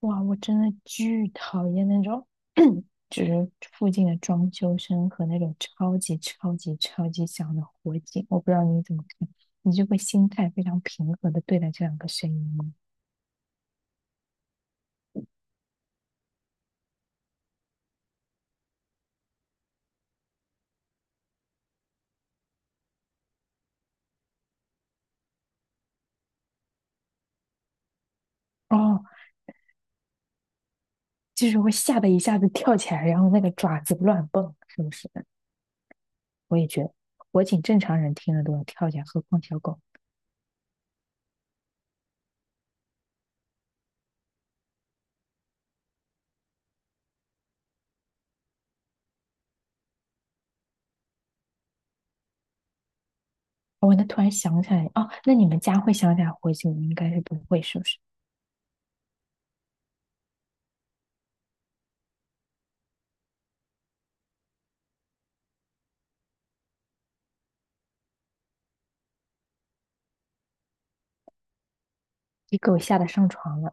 哇，我真的巨讨厌那种，就是附近的装修声和那种超级超级超级响的火警。我不知道你怎么看，你就会心态非常平和的对待这两个声音吗？哦，就是会吓得一下子跳起来，然后那个爪子乱蹦，是不是？我也觉得火警正常人听了都要跳起来，何况小狗。哦，那突然想起来，哦，那你们家会想起来火警，应该是不会，是不是？给狗吓得上床了。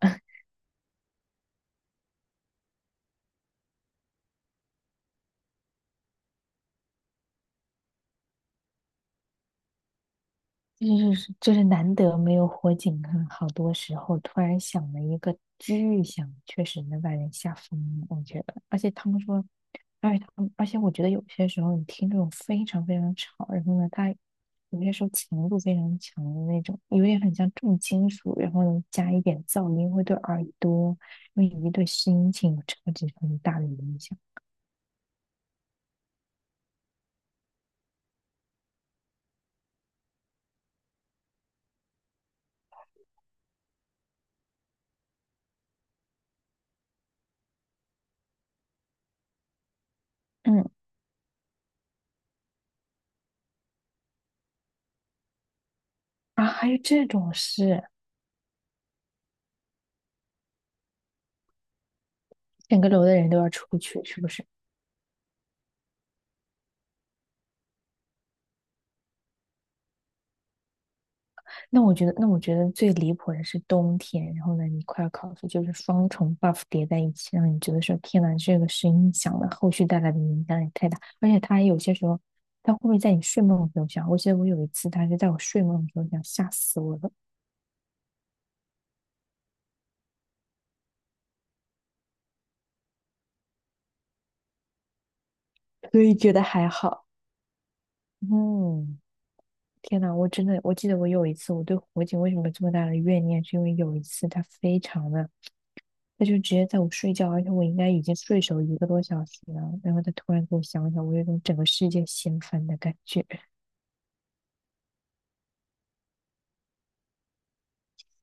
就是难得没有火警啊，很好多时候突然响了一个巨响，确实能把人吓疯，我觉得。而且他们说，而且我觉得有些时候你听这种非常非常吵，然后呢，它有些时候强度非常强的那种，有点很像重金属，然后呢加一点噪音，会对耳朵，因为你对心情有超级超级大的影响。嗯，啊，还有这种事，整个楼的人都要出去，是不是？那我觉得最离谱的是冬天，然后呢，你快要考试，就是双重 buff 叠在一起，让你觉得说，天呐，这个声音响了，后续带来的影响也太大。而且它有些时候，他会不会在你睡梦的时候响？我记得我有一次，他是在我睡梦的时候响，吓死我了。所以觉得还好。嗯，天呐，我真的，我记得我有一次，我对火警为什么这么大的怨念，是因为有一次他非常的。他就直接在我睡觉，而且我应该已经睡熟一个多小时了，然后他突然给我想想，我有种整个世界掀翻的感觉。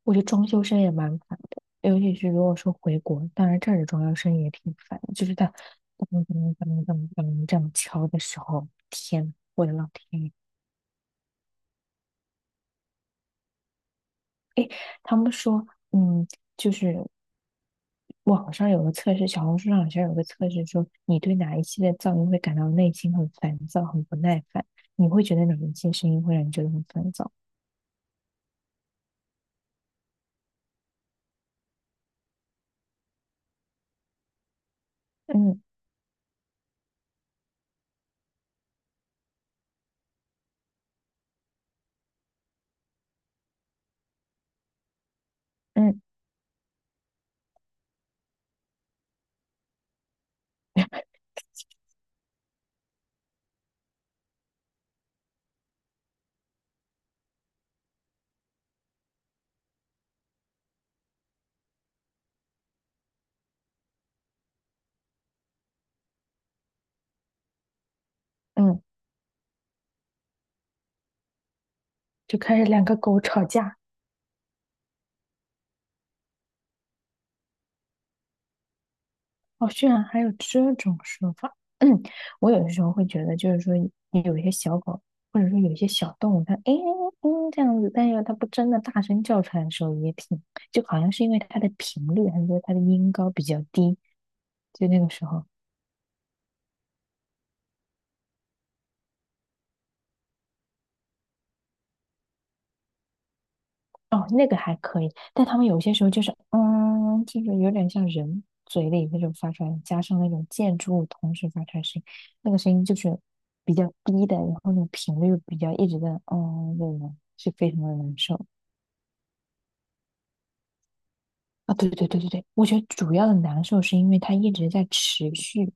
我觉得装修声也蛮烦的，尤其是如果说回国，当然这儿的装修声也挺烦的，就是他噔噔噔噔噔这样敲的时候，天，我的老天爷！诶，他们说，嗯，就是网上有个测试，小红书上好像有个测试说，你对哪一系列噪音会感到内心很烦躁、很不耐烦？你会觉得哪一些声音会让你觉得很烦躁？嗯嗯嗯，就开始两个狗吵架。哦，居然还有这种说法。嗯，我有的时候会觉得，就是说有一些小狗，或者说有一些小动物，它诶嗯这样子，但是它不真的大声叫出来的时候，也挺，就好像是因为它的频率还是说它的音高比较低，就那个时候。哦，那个还可以，但他们有些时候就是，嗯，就是有点像人嘴里那种发出来，加上那种建筑物同时发出来的声音，那个声音就是比较低的，然后那种频率比较一直在，嗯，那种是非常的难受啊。对对对对对，我觉得主要的难受是因为它一直在持续，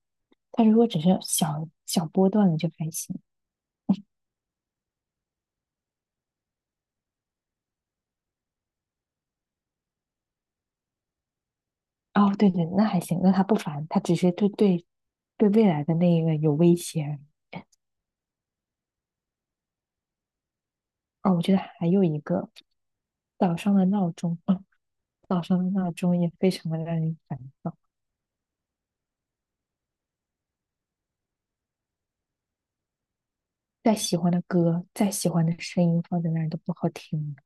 它如果只是小小波段的就还行。哦，对对，那还行，那它不烦，它只是对未来的那个有威胁而已哦，我觉得还有一个。早上的闹钟，嗯，早上的闹钟也非常的让人烦躁。再喜欢的歌，再喜欢的声音放在那儿都不好听，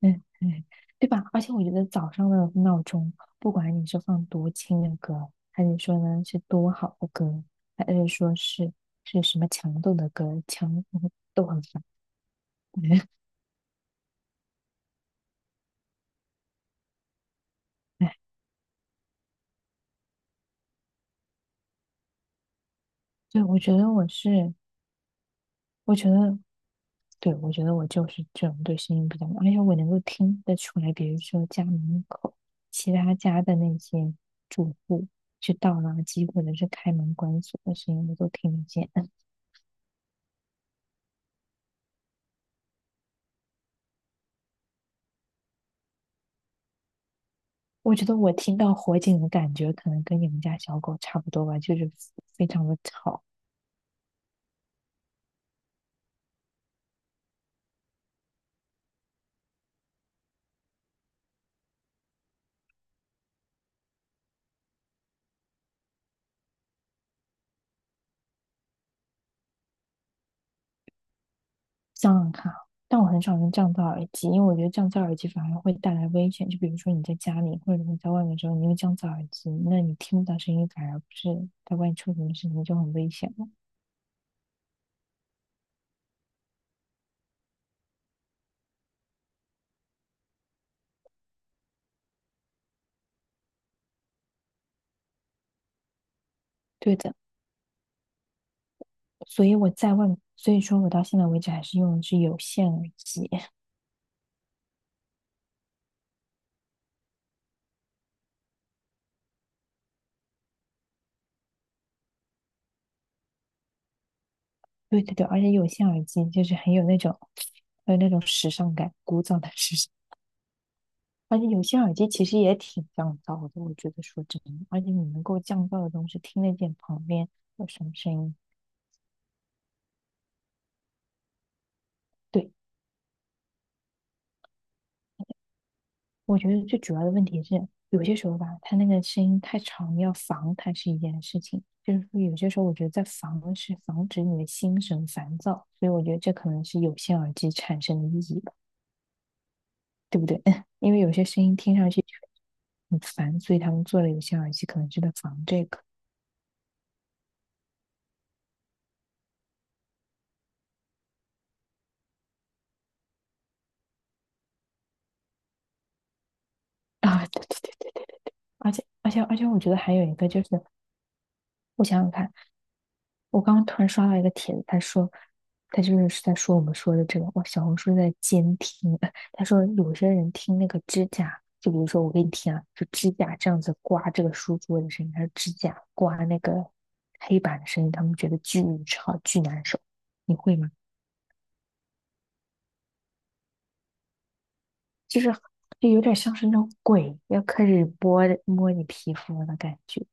嗯嗯，对吧？而且我觉得早上的闹钟，不管你是放多轻的歌，还是说呢是多好的歌，还是说是什么强度的歌，强都很烦。哎，对，我觉得我是我觉得，对，我觉得我就是这种对声音比较敏感，而且我能够听得出来，比如说家门口其他家的那些住户去倒垃圾或者是开门关锁的声音，我都听得见。我觉得我听到火警的感觉，可能跟你们家小狗差不多吧，就是非常的吵。想想看啊但我很少用降噪耳机，因为我觉得降噪耳机反而会带来危险。就比如说你在家里或者你在外面的时候，你用降噪耳机，那你听不到声音，反而不是在外面出什么事情就很危险了。对的，所以我在外，所以说我到现在为止还是用的是有线耳机。对对对，而且有线耳机就是很有那种，很有那种时尚感，古早的时尚。而且有线耳机其实也挺降噪的，我觉得说真的，而且你能够降噪的东西听得见旁边有什么声音。对，我觉得最主要的问题是，有些时候吧，他那个声音太长，要防它是一件事情。就是说，有些时候我觉得在防是防止你的心神烦躁，所以我觉得这可能是有线耳机产生的意义吧，对不对？因为有些声音听上去很烦，所以他们做了有线耳机，可能就在防这个 啊。对对对对，而且，我觉得还有一个就是，我想想看。我刚刚突然刷到一个帖子，他说，他就是在说我们说的这个，哇，小红书在监听。他说有些人听那个指甲，就比如说我给你听啊，就指甲这样子刮这个书桌的声音，还是指甲刮那个黑板的声音，他们觉得巨吵巨难受。你会吗？就是就有点像是那种鬼要开始摸摸你皮肤的感觉。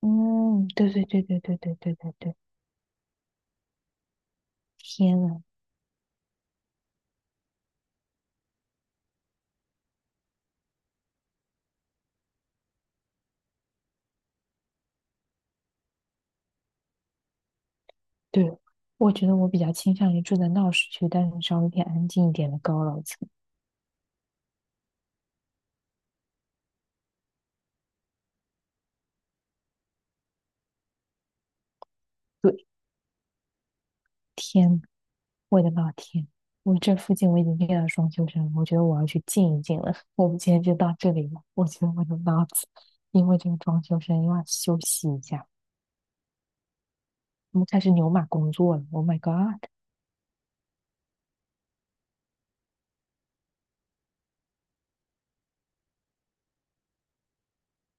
嗯，对对对对对对对对对，天呐，对，我觉得我比较倾向于住在闹市区，但是稍微偏安静一点的高楼层。对，天，我的老天，我这附近我已经遇到双休生了，我觉得我要去静一静了。我们今天就到这里了，我觉得我的脑子因为这个装修声又要休息一下，我们开始牛马工作了。Oh my god！